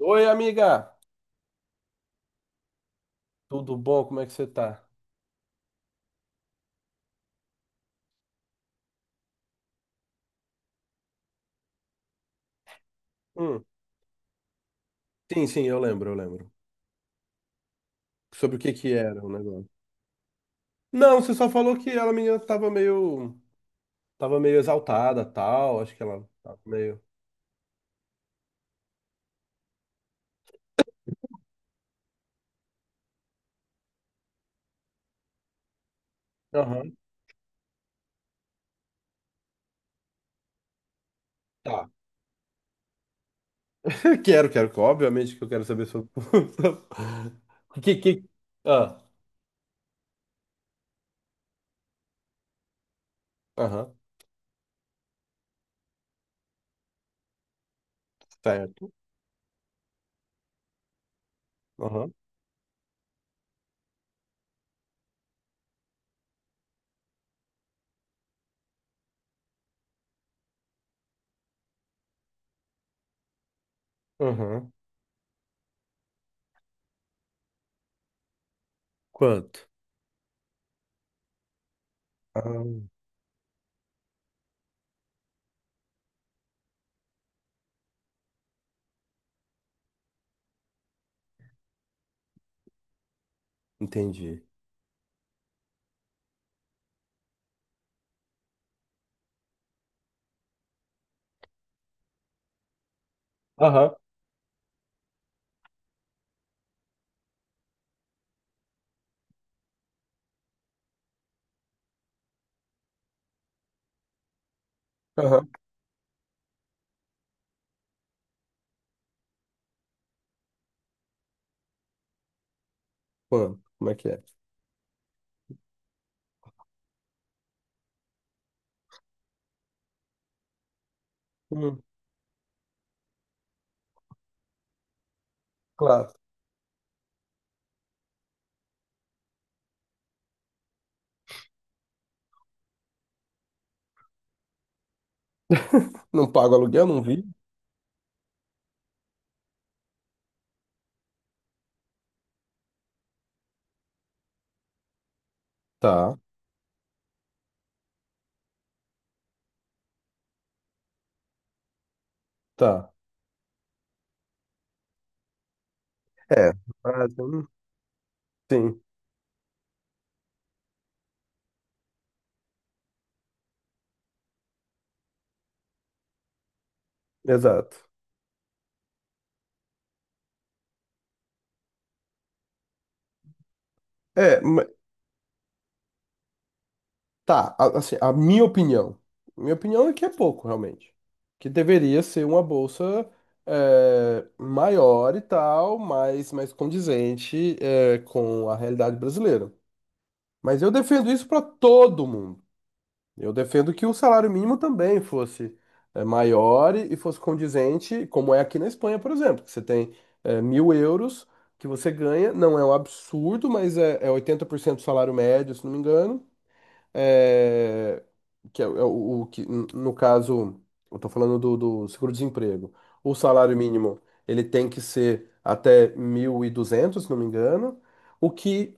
Oi, amiga! Tudo bom? Como é que você tá? Hum, sim, sim, eu lembro, eu lembro. Sobre o que que era o negócio? Não, você só falou que ela, a menina, tava meio exaltada, tal. Acho que ela tava meio. Aham, tá. Quero, quero. Obviamente que eu quero saber sobre. O que que? Ah, aham, certo. Aham, aham. Quanto? Ah, entendi. Aham, aham. Quanto? Como é que é? Hum, claro. Não pago aluguel, não vi? Tá, tá. É, ah, então, sim, exato. É, tá, assim, a minha opinião. Minha opinião é que é pouco, realmente. Que deveria ser uma bolsa maior e tal, mais condizente com a realidade brasileira. Mas eu defendo isso para todo mundo. Eu defendo que o salário mínimo também fosse maior e fosse condizente, como é aqui na Espanha, por exemplo, que você tem 1.000 euros que você ganha, não é um absurdo, mas é 80% do salário médio, se não me engano, é, que é, o, é o que, no caso, eu tô falando do seguro-desemprego. O salário mínimo, ele tem que ser até 1.200, se não me engano, o que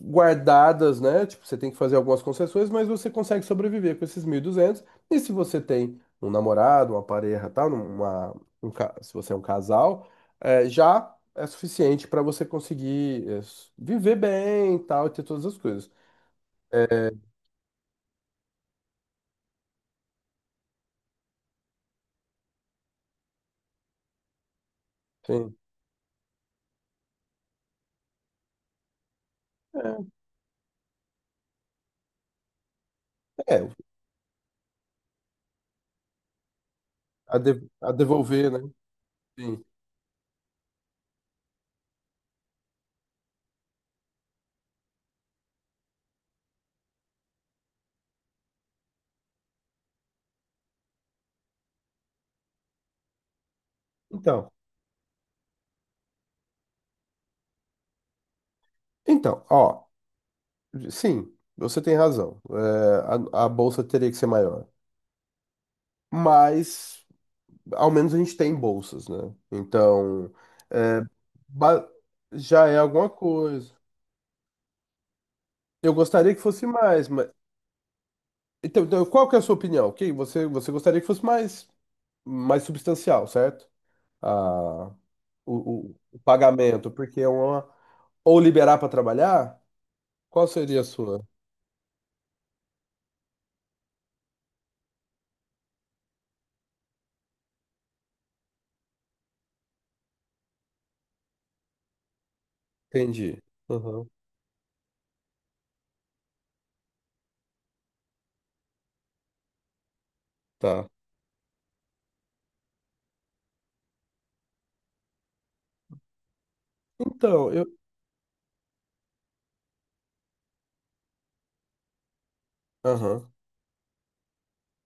guardadas, né, tipo, você tem que fazer algumas concessões, mas você consegue sobreviver com esses 1.200. E se você tem um namorado, uma pareja, tal, se você é um casal, já é suficiente para você conseguir viver bem, e tal, e ter todas as coisas. É, sim. É, a devolver, né? Sim. Então, então, ó, sim, você tem razão. É, a bolsa teria que ser maior. Mas, ao menos a gente tem bolsas, né? Então, é, ba- já é alguma coisa. Eu gostaria que fosse mais, mas. Então, qual que é a sua opinião? Ok, você gostaria que fosse mais substancial, certo? A o, o pagamento, porque é uma. Ou liberar para trabalhar? Qual seria a sua? Entendi. Aham, tá. Então, eu. Aham.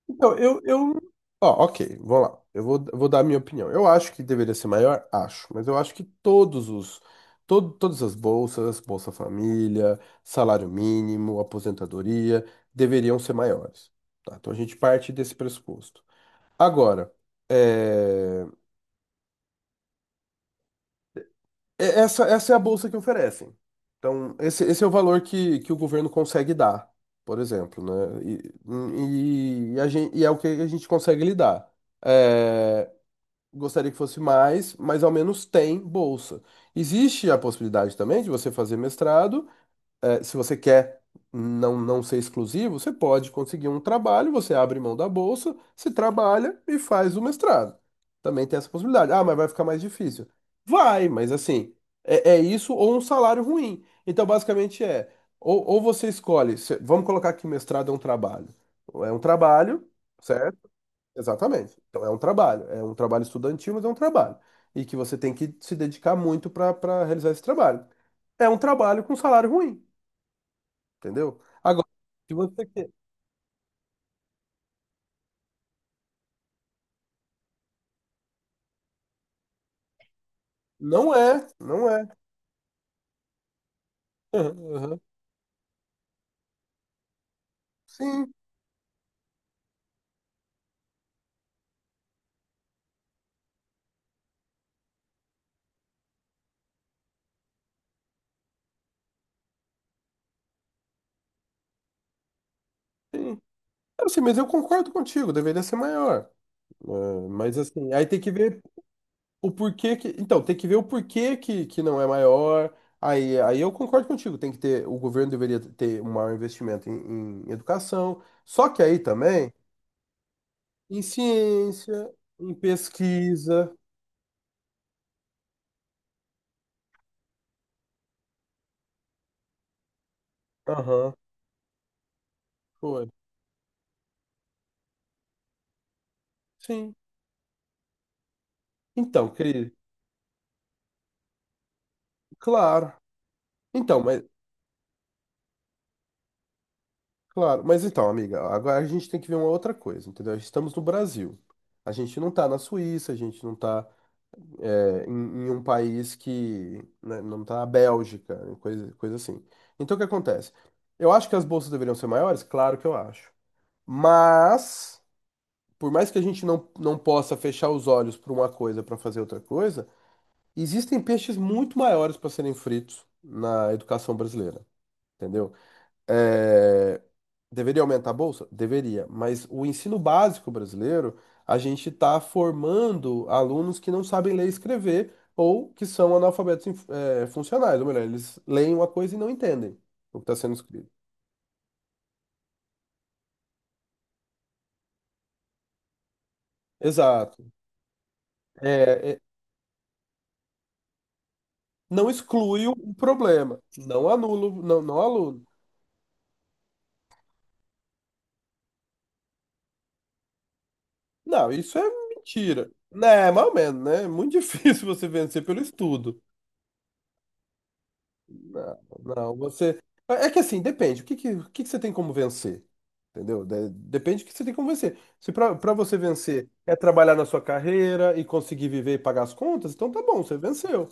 Então, eu. Ó, ok, vou lá. Eu vou dar a minha opinião. Eu acho que deveria ser maior, acho, mas eu acho que todos os. Todas as bolsas, Bolsa Família, salário mínimo, aposentadoria, deveriam ser maiores. Tá? Então a gente parte desse pressuposto. Agora, eh, essa é a bolsa que oferecem. Então, esse é o valor que o governo consegue dar, por exemplo, né? E é o que a gente consegue lidar. É, gostaria que fosse mais, mas ao menos tem bolsa. Existe a possibilidade também de você fazer mestrado se você quer não ser exclusivo, você pode conseguir um trabalho, você abre mão da bolsa, se trabalha e faz o mestrado. Também tem essa possibilidade. Ah, mas vai ficar mais difícil. Vai, mas assim, é isso ou um salário ruim. Então, basicamente ou você escolhe, vamos colocar que mestrado é um trabalho. É um trabalho, certo? Exatamente. Então, é um trabalho. É um trabalho estudantil, mas é um trabalho. E que você tem que se dedicar muito para realizar esse trabalho. É um trabalho com salário ruim. Entendeu? Agora, se você quer. Não é, não é. Aham. Aham. Sim, sim. Eu sei, mas eu concordo contigo, deveria ser maior. É, mas assim, aí tem que ver o porquê que. Então, tem que ver o porquê que não é maior. Aí eu concordo contigo, tem que ter. O governo deveria ter um maior investimento em educação. Só que aí também, em ciência, em pesquisa. Aham, foi. Sim. Então, querido, claro. Então, mas Claro, mas então, amiga, agora a gente tem que ver uma outra coisa, entendeu? Estamos no Brasil. A gente não tá na Suíça, a gente não tá em um país que, né, não tá na Bélgica, né, coisa assim. Então, o que acontece? Eu acho que as bolsas deveriam ser maiores? Claro que eu acho. Mas, por mais que a gente não possa fechar os olhos para uma coisa para fazer outra coisa, existem peixes muito maiores para serem fritos na educação brasileira, entendeu? É, deveria aumentar a bolsa? Deveria, mas o ensino básico brasileiro, a gente está formando alunos que não sabem ler e escrever ou que são analfabetos funcionais, ou melhor, eles leem uma coisa e não entendem o que está sendo escrito. Exato. É, não exclui o problema, não anulo, não aluno. Não, isso é mentira. Né, mais ou menos, né? É muito difícil você vencer pelo estudo. Não, não, você. É que assim, depende. O que você tem como vencer? Entendeu? Depende do que você tem como vencer. Se pra você vencer é trabalhar na sua carreira e conseguir viver e pagar as contas, então tá bom, você venceu.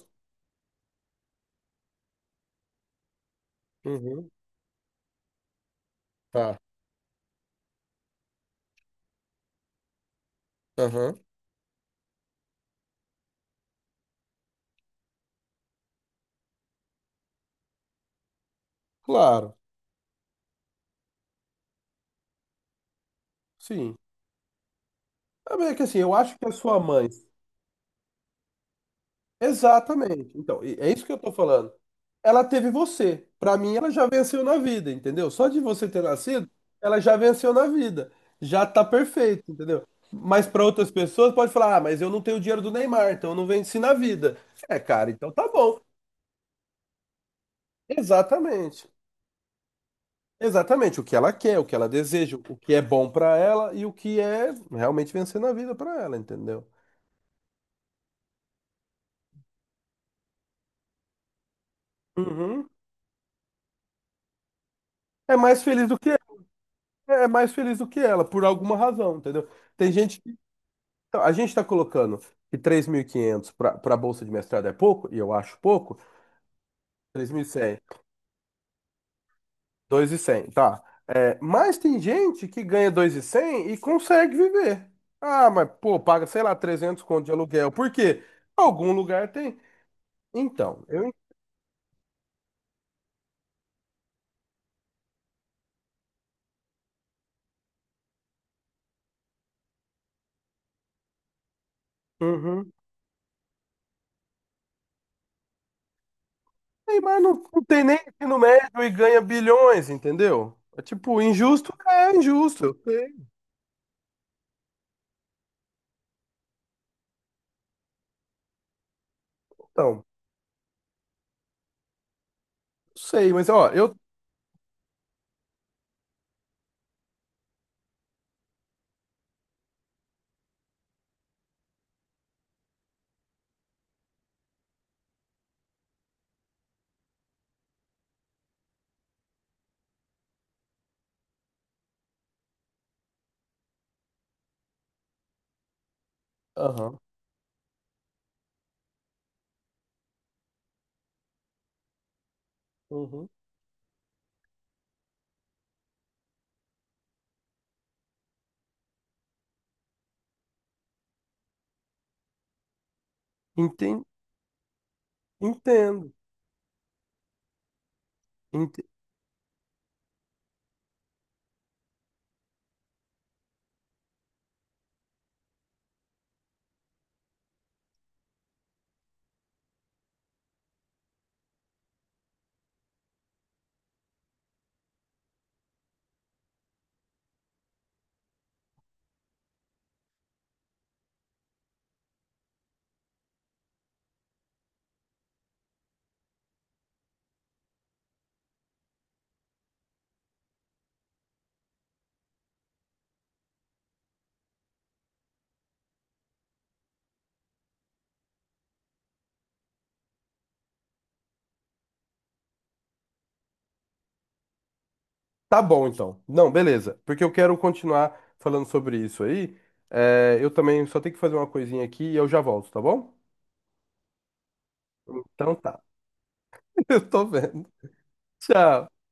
Uhum. Tá. Aham. Claro, sim. Ah, mas é que assim, eu acho que a sua mãe. Exatamente. Então, é isso que eu tô falando. Ela teve você. Pra mim, ela já venceu na vida, entendeu? Só de você ter nascido, ela já venceu na vida. Já tá perfeito, entendeu? Mas pra outras pessoas pode falar: "Ah, mas eu não tenho o dinheiro do Neymar, então eu não venci na vida". É, cara, então tá bom. Exatamente. Exatamente o que ela quer, o que ela deseja, o que é bom pra ela e o que é realmente vencer na vida pra ela, entendeu? Uhum. É mais feliz do que é mais feliz do que ela, por alguma razão, entendeu? Tem gente. Então, a gente está colocando que 3.500 para a bolsa de mestrado é pouco, e eu acho pouco, 3.100, dois mil e 2.100, tá. É, mas tem gente que ganha 2.100 e cem e consegue viver. Ah, mas, pô, paga, sei lá, 300 conto de aluguel. Por quê? Algum lugar tem. Então, eu. Uhum. Ei, mas não tem nem ensino médio e ganha bilhões, entendeu? É tipo, injusto é injusto. Eu sei. Então, não sei, mas, ó, eu. Aham. Uhum. Enten- Entendo. Entendo. Tá bom, então. Não, beleza. Porque eu quero continuar falando sobre isso aí. É, eu também só tenho que fazer uma coisinha aqui e eu já volto, tá bom? Então tá. Eu tô vendo. Tchau.